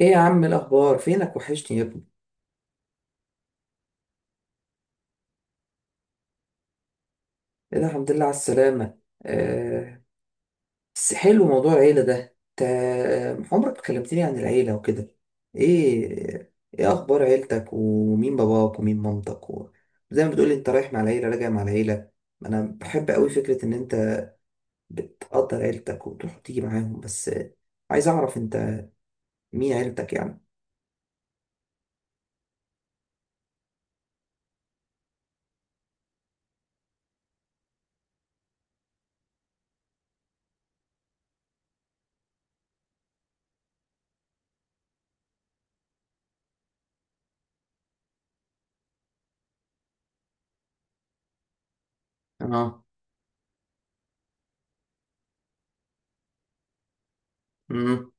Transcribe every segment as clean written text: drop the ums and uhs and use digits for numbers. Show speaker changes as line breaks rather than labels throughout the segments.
ايه يا عم، الاخبار؟ فينك؟ وحشني يا ابني. ايه ده، الحمد لله على السلامه. آه. بس حلو موضوع العيله ده. انت عمرك ما كلمتني عن العيله وكده. ايه اخبار عيلتك؟ ومين باباك ومين مامتك زي ما بتقولي انت رايح مع العيله راجع مع العيله. انا بحب قوي فكره ان انت بتقدر عيلتك وتروح وتيجي معاهم. بس عايز اعرف انت مين عيلتك يعني. اه. امم.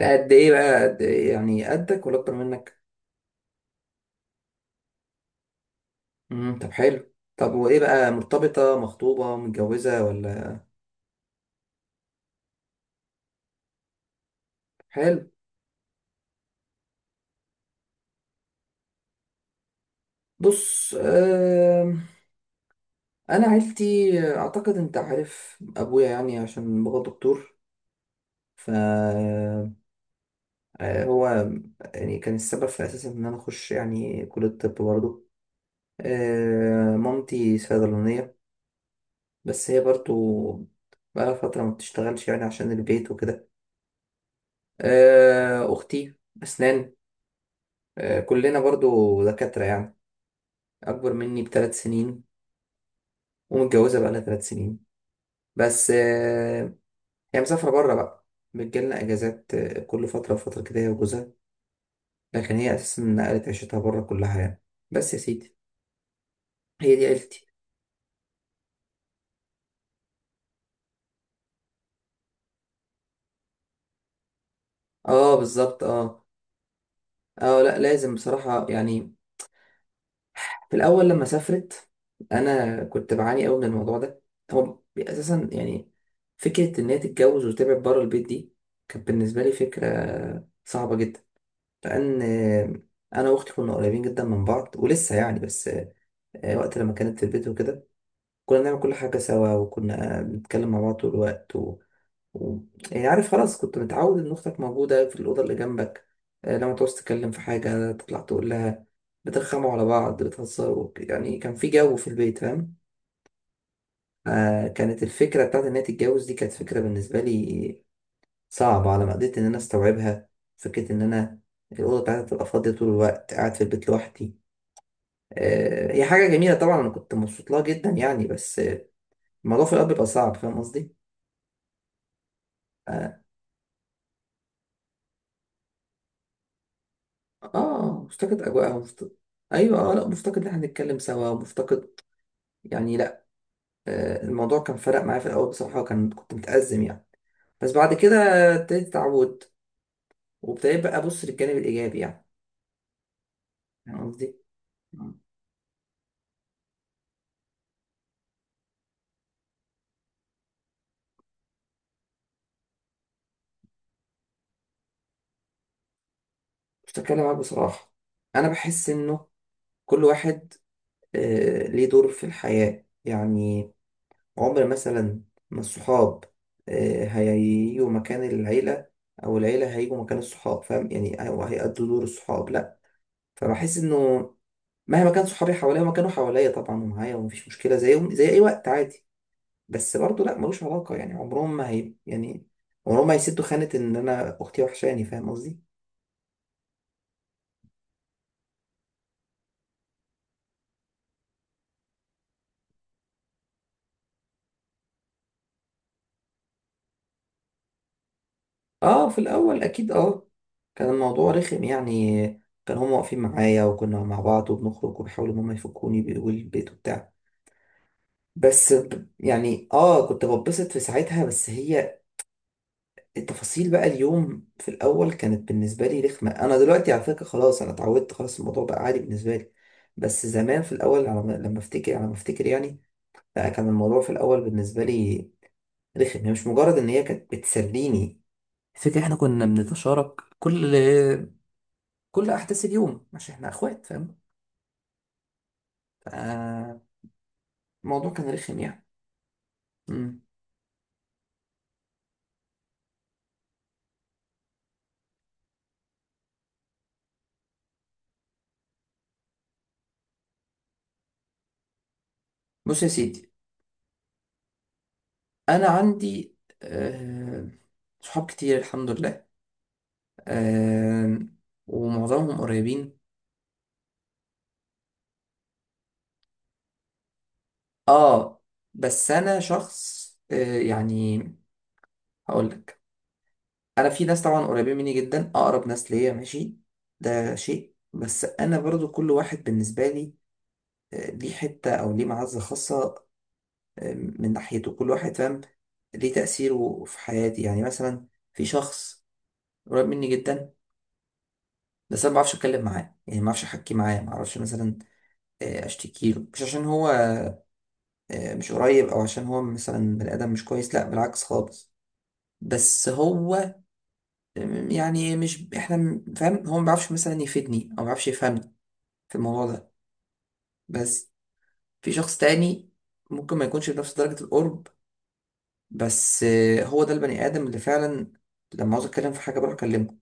ده قد ايه بقى؟ قد إيه؟ يعني قدك ولا اكتر منك؟ مم. طب حلو. طب وايه بقى؟ مرتبطة، مخطوبة، متجوزة ولا؟ حلو. بص، انا عيلتي اعتقد انت عارف ابويا، يعني عشان بابا دكتور، ف آه، هو يعني كان السبب في اساسا ان انا اخش يعني كلية الطب برضه. مامتي صيدلانية، بس هي برضه بقالها فترة ما بتشتغلش يعني عشان البيت وكده. اختي اسنان، كلنا برضه دكاترة يعني. اكبر مني بثلاث سنين ومتجوزة بقالها ثلاث سنين، بس هي مسافرة بره بقى، بتجيلنا أجازات كل فترة وفترة كده هي وجوزها. لكن هي أساسا نقلت عيشتها بره كلها يعني. بس يا سيدي، هي دي عيلتي. اه بالظبط، اه. اه، لا لازم بصراحة يعني. في الأول لما سافرت أنا كنت بعاني أوي من الموضوع ده. هو أساسا يعني فكرة إن هي تتجوز وتبعد بره البيت دي كانت بالنسبة لي فكرة صعبة جدا، لأن أنا وأختي كنا قريبين جدا من بعض، ولسه يعني. بس وقت لما كانت في البيت وكده كنا بنعمل كل حاجة سوا، وكنا بنتكلم مع بعض طول الوقت و... يعني عارف خلاص، كنت متعود إن أختك موجودة في الأوضة اللي جنبك، لما تعوز تتكلم في حاجة تطلع تقول لها، بترخموا على بعض، بتهزروا، يعني كان في جو في البيت فاهم. كانت الفكرة بتاعت إن هي تتجوز دي كانت فكرة بالنسبة لي صعبة على ما قدرت إن أنا أستوعبها. فكرة إن أنا الأوضة بتاعتي تبقى فاضية طول الوقت، قاعد في البيت لوحدي. هي حاجة جميلة طبعا، أنا كنت مبسوط لها جدا يعني، بس الموضوع في الأول بيبقى صعب، فاهم قصدي؟ آه, آه مفتقد أجواءها، مفتقد. أيوة، لا مفتقد إن إحنا نتكلم سوا، مفتقد يعني. لا، الموضوع كان فرق معايا في الأول بصراحة، وكان كنت متأزم يعني. بس بعد كده ابتديت أتعود، وابتديت بقى أبص للجانب الإيجابي يعني. فاهم قصدي؟ مم. مش هتكلم معاك بصراحة، أنا بحس إنه كل واحد ليه دور في الحياة يعني. عمر مثلا ما الصحاب هيجوا مكان العيلة، أو العيلة هيجوا مكان الصحاب، فاهم يعني؟ أو هيأدوا دور الصحاب، لأ. فبحس إنه مهما كان صحابي حواليا، ما كانوا حواليا طبعا ومعايا ومفيش مشكلة، زيهم زي أي وقت عادي، بس برضه لأ، ملوش علاقة يعني، عمرهم ما هي يعني، عمرهم ما هيسدوا خانة إن أنا أختي وحشاني، فاهم قصدي؟ في الأول أكيد، كان الموضوع رخم يعني. كان هما واقفين معايا، وكنا مع بعض وبنخرج، وبيحاولوا إن هما يفكوني، بيقولوا البيت وبتاع، بس يعني كنت بتبسط في ساعتها. بس هي التفاصيل بقى اليوم في الاول كانت بالنسبه لي رخمه. انا دلوقتي على فكره خلاص، انا اتعودت، خلاص الموضوع بقى عادي بالنسبه لي، بس زمان في الاول على ما- لما افتكر على ما افتكر يعني. لا، كان الموضوع في الاول بالنسبه لي رخم. هي مش مجرد ان هي كانت بتسليني، فكرة احنا كنا بنتشارك كل احداث اليوم عشان احنا اخوات، فاهم؟ فالموضوع كان رخم يعني. مم. بص يا سيدي، انا عندي آه، صحاب كتير الحمد لله، آه، ومعظمهم قريبين. اه، بس انا شخص، يعني هقول لك، انا في ناس طبعا قريبين مني جدا، اقرب ناس ليا ماشي، ده شيء. بس انا برضو كل واحد بالنسبه لي ليه حته او ليه معزه خاصه، من ناحيته كل واحد، فاهم؟ ليه تاثيره في حياتي يعني. مثلا في شخص قريب مني جدا، بس انا ما بعرفش اتكلم معاه يعني، ما بعرفش احكي معاه، ما اعرفش مثلا اشتكي له، مش عشان هو مش قريب، او عشان هو مثلا بني ادم مش كويس، لا بالعكس خالص، بس هو م- يعني مش احنا م- فاهم، هو ما بيعرفش مثلا يفيدني، او ما بيعرفش يفهمني في الموضوع ده. بس في شخص تاني ممكن ما يكونش بنفس درجة القرب، بس هو ده البني ادم اللي فعلا لما عاوز اتكلم في حاجة بروح اكلمه،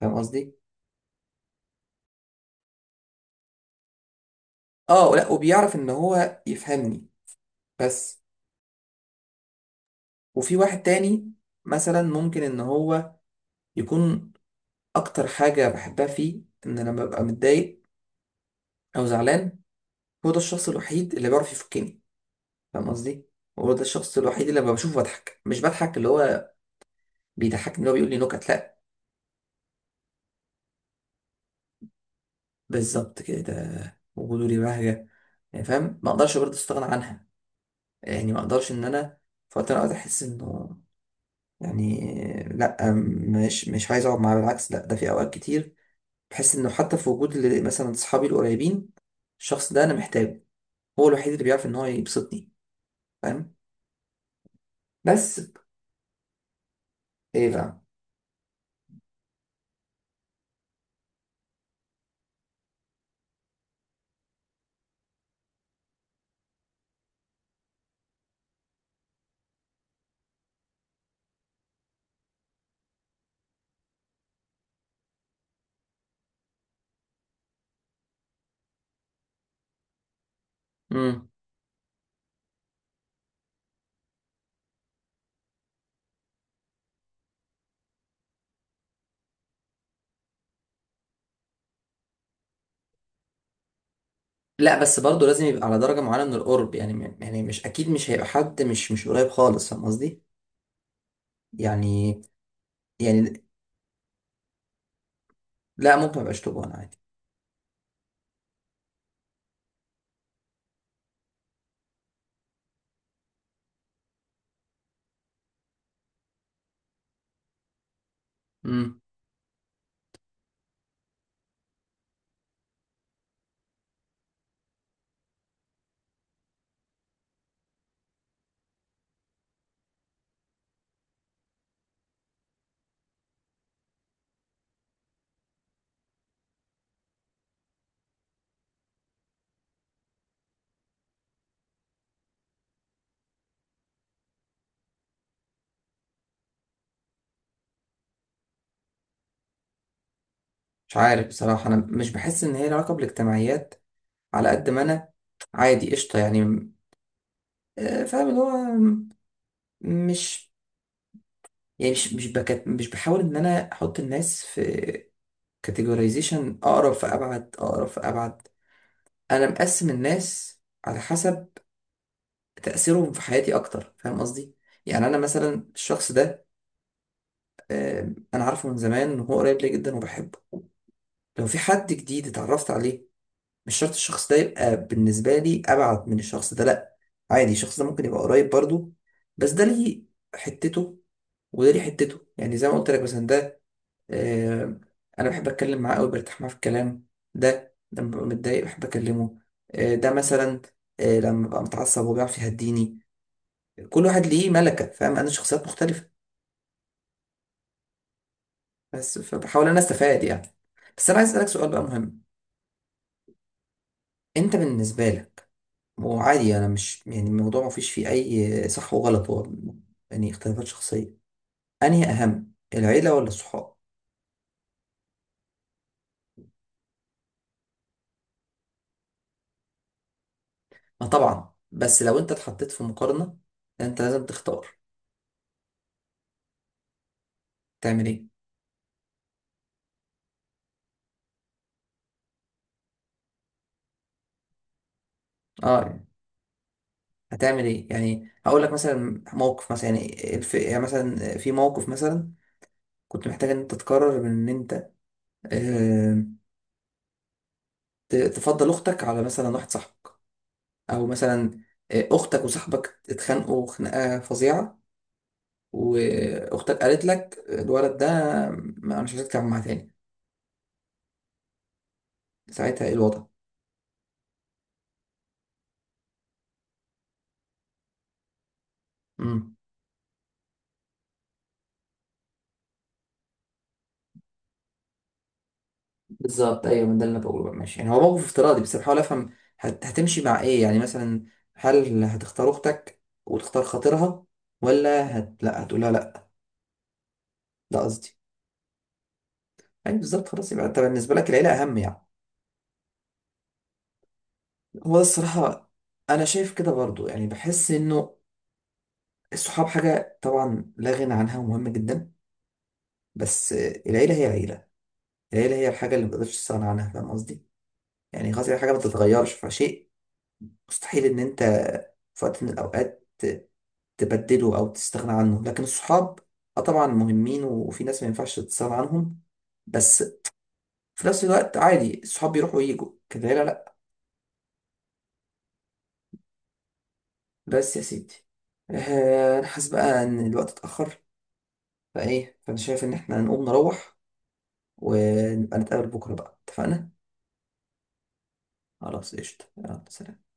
فاهم قصدي؟ اه، لا وبيعرف ان هو يفهمني. بس وفي واحد تاني مثلا، ممكن ان هو يكون اكتر حاجة بحبها فيه ان لما ببقى متضايق او زعلان، هو ده الشخص الوحيد اللي بيعرف يفكني، فاهم قصدي؟ هو ده الشخص الوحيد اللي لما بشوفه بضحك، مش بضحك اللي هو بيضحكني، اللي هو بيقول لي نكت، لا. بالظبط كده، ده وجوده لي بهجة يعني، فاهم؟ ما اقدرش برضه استغنى عنها. يعني ما اقدرش ان انا في وقت من الاوقات احس انه يعني لا، مش عايز اقعد معاه، بالعكس لا، ده في اوقات كتير بحس انه حتى في وجود مثلا اصحابي القريبين، الشخص ده انا محتاجه، هو الوحيد اللي بيعرف ان هو يبسطني، فاهم؟ بس ايه بقى؟ امم. لا، بس برضه لازم يبقى على درجة معينة من القرب يعني، يعني مش أكيد مش هيبقى حد مش قريب خالص، فاهم قصدي؟ يعني، يعني لا، ممكن ميبقاش طوبان عادي. امم. مش عارف بصراحة، أنا مش بحس إن هي لها علاقة بالاجتماعيات. على قد ما أنا عادي قشطة يعني، فاهم اللي هو، م- مش يعني مش بكت، مش بحاول إن أنا أحط الناس في كاتيجورايزيشن، أقرب فأبعد أقرب فأبعد. أنا مقسم الناس على حسب تأثيره في حياتي أكتر، فاهم قصدي؟ يعني أنا مثلا الشخص ده أنا عارفه من زمان إن هو قريب لي جدا وبحبه. لو في حد جديد اتعرفت عليه، مش شرط الشخص ده يبقى بالنسبة لي أبعد من الشخص ده، لأ، عادي الشخص ده ممكن يبقى قريب برضه، بس ده ليه حتته وده ليه حتته، يعني زي ما قلت لك، مثلا ده آه، أنا بحب أتكلم معاه أوي، برتاح معاه في الكلام. ده لما ببقى متضايق بحب أكلمه. ده مثلا لما ببقى متعصب وبيعرف يهديني. كل واحد ليه ملكة، فاهم؟ أنا شخصيات مختلفة، بس فبحاول انا استفاد يعني. بس انا عايز اسالك سؤال بقى مهم. انت بالنسبه لك، وعادي انا مش يعني، الموضوع ما فيش فيه اي صح وغلط، هو يعني اختلافات شخصيه، انهي اهم؟ العيله ولا الصحاب؟ ما طبعا، بس لو انت اتحطيت في مقارنه، انت لازم تختار، تعمل ايه؟ اه يعني، هتعمل ايه يعني؟ هقول لك مثلا موقف، مثلا يعني يعني مثلا، في موقف مثلا كنت محتاج ان انت تقرر من ان انت آه، تفضل اختك على مثلا واحد صاحبك، او مثلا اختك وصاحبك اتخانقوا خناقه فظيعه، واختك قالت لك الولد ده، ما انا مش عايزك تتعامل معاه تاني. ساعتها ايه الوضع؟ امم. بالظبط، ايوه، من ده اللي أنا بقوله بقى، ماشي يعني، هو موقف افتراضي بس بحاول افهم، هتمشي مع ايه يعني؟ مثلا هل هتختار اختك وتختار خاطرها، ولا لا هتقولها لا؟ ده قصدي يعني، بالظبط، خلاص، يبقى انت بالنسبه لك العيله اهم يعني، هو ده الصراحه. انا شايف كده برضو يعني، بحس انه الصحاب حاجه طبعا لا غنى عنها ومهمه جدا، بس العيلة هي عيلة، العيلة هي الحاجة اللي متقدرش تستغنى عنها، فاهم قصدي؟ يعني خلاص، هي حاجة ما تتغيرش فشيء. مستحيل إن أنت في وقت من الأوقات تبدله أو تستغنى عنه. لكن الصحاب أه طبعا مهمين، وفي ناس ما ينفعش تستغنى عنهم، بس في نفس الوقت عادي الصحاب بيروحوا ويجوا كده، العيلة لأ. بس يا سيدي، أنا حاسس بقى إن الوقت اتأخر، فإيه، فأنا شايف إن إحنا نقوم نروح، ونبقى نتقابل بكرة بقى، اتفقنا؟ خلاص قشطة، يلا سلام.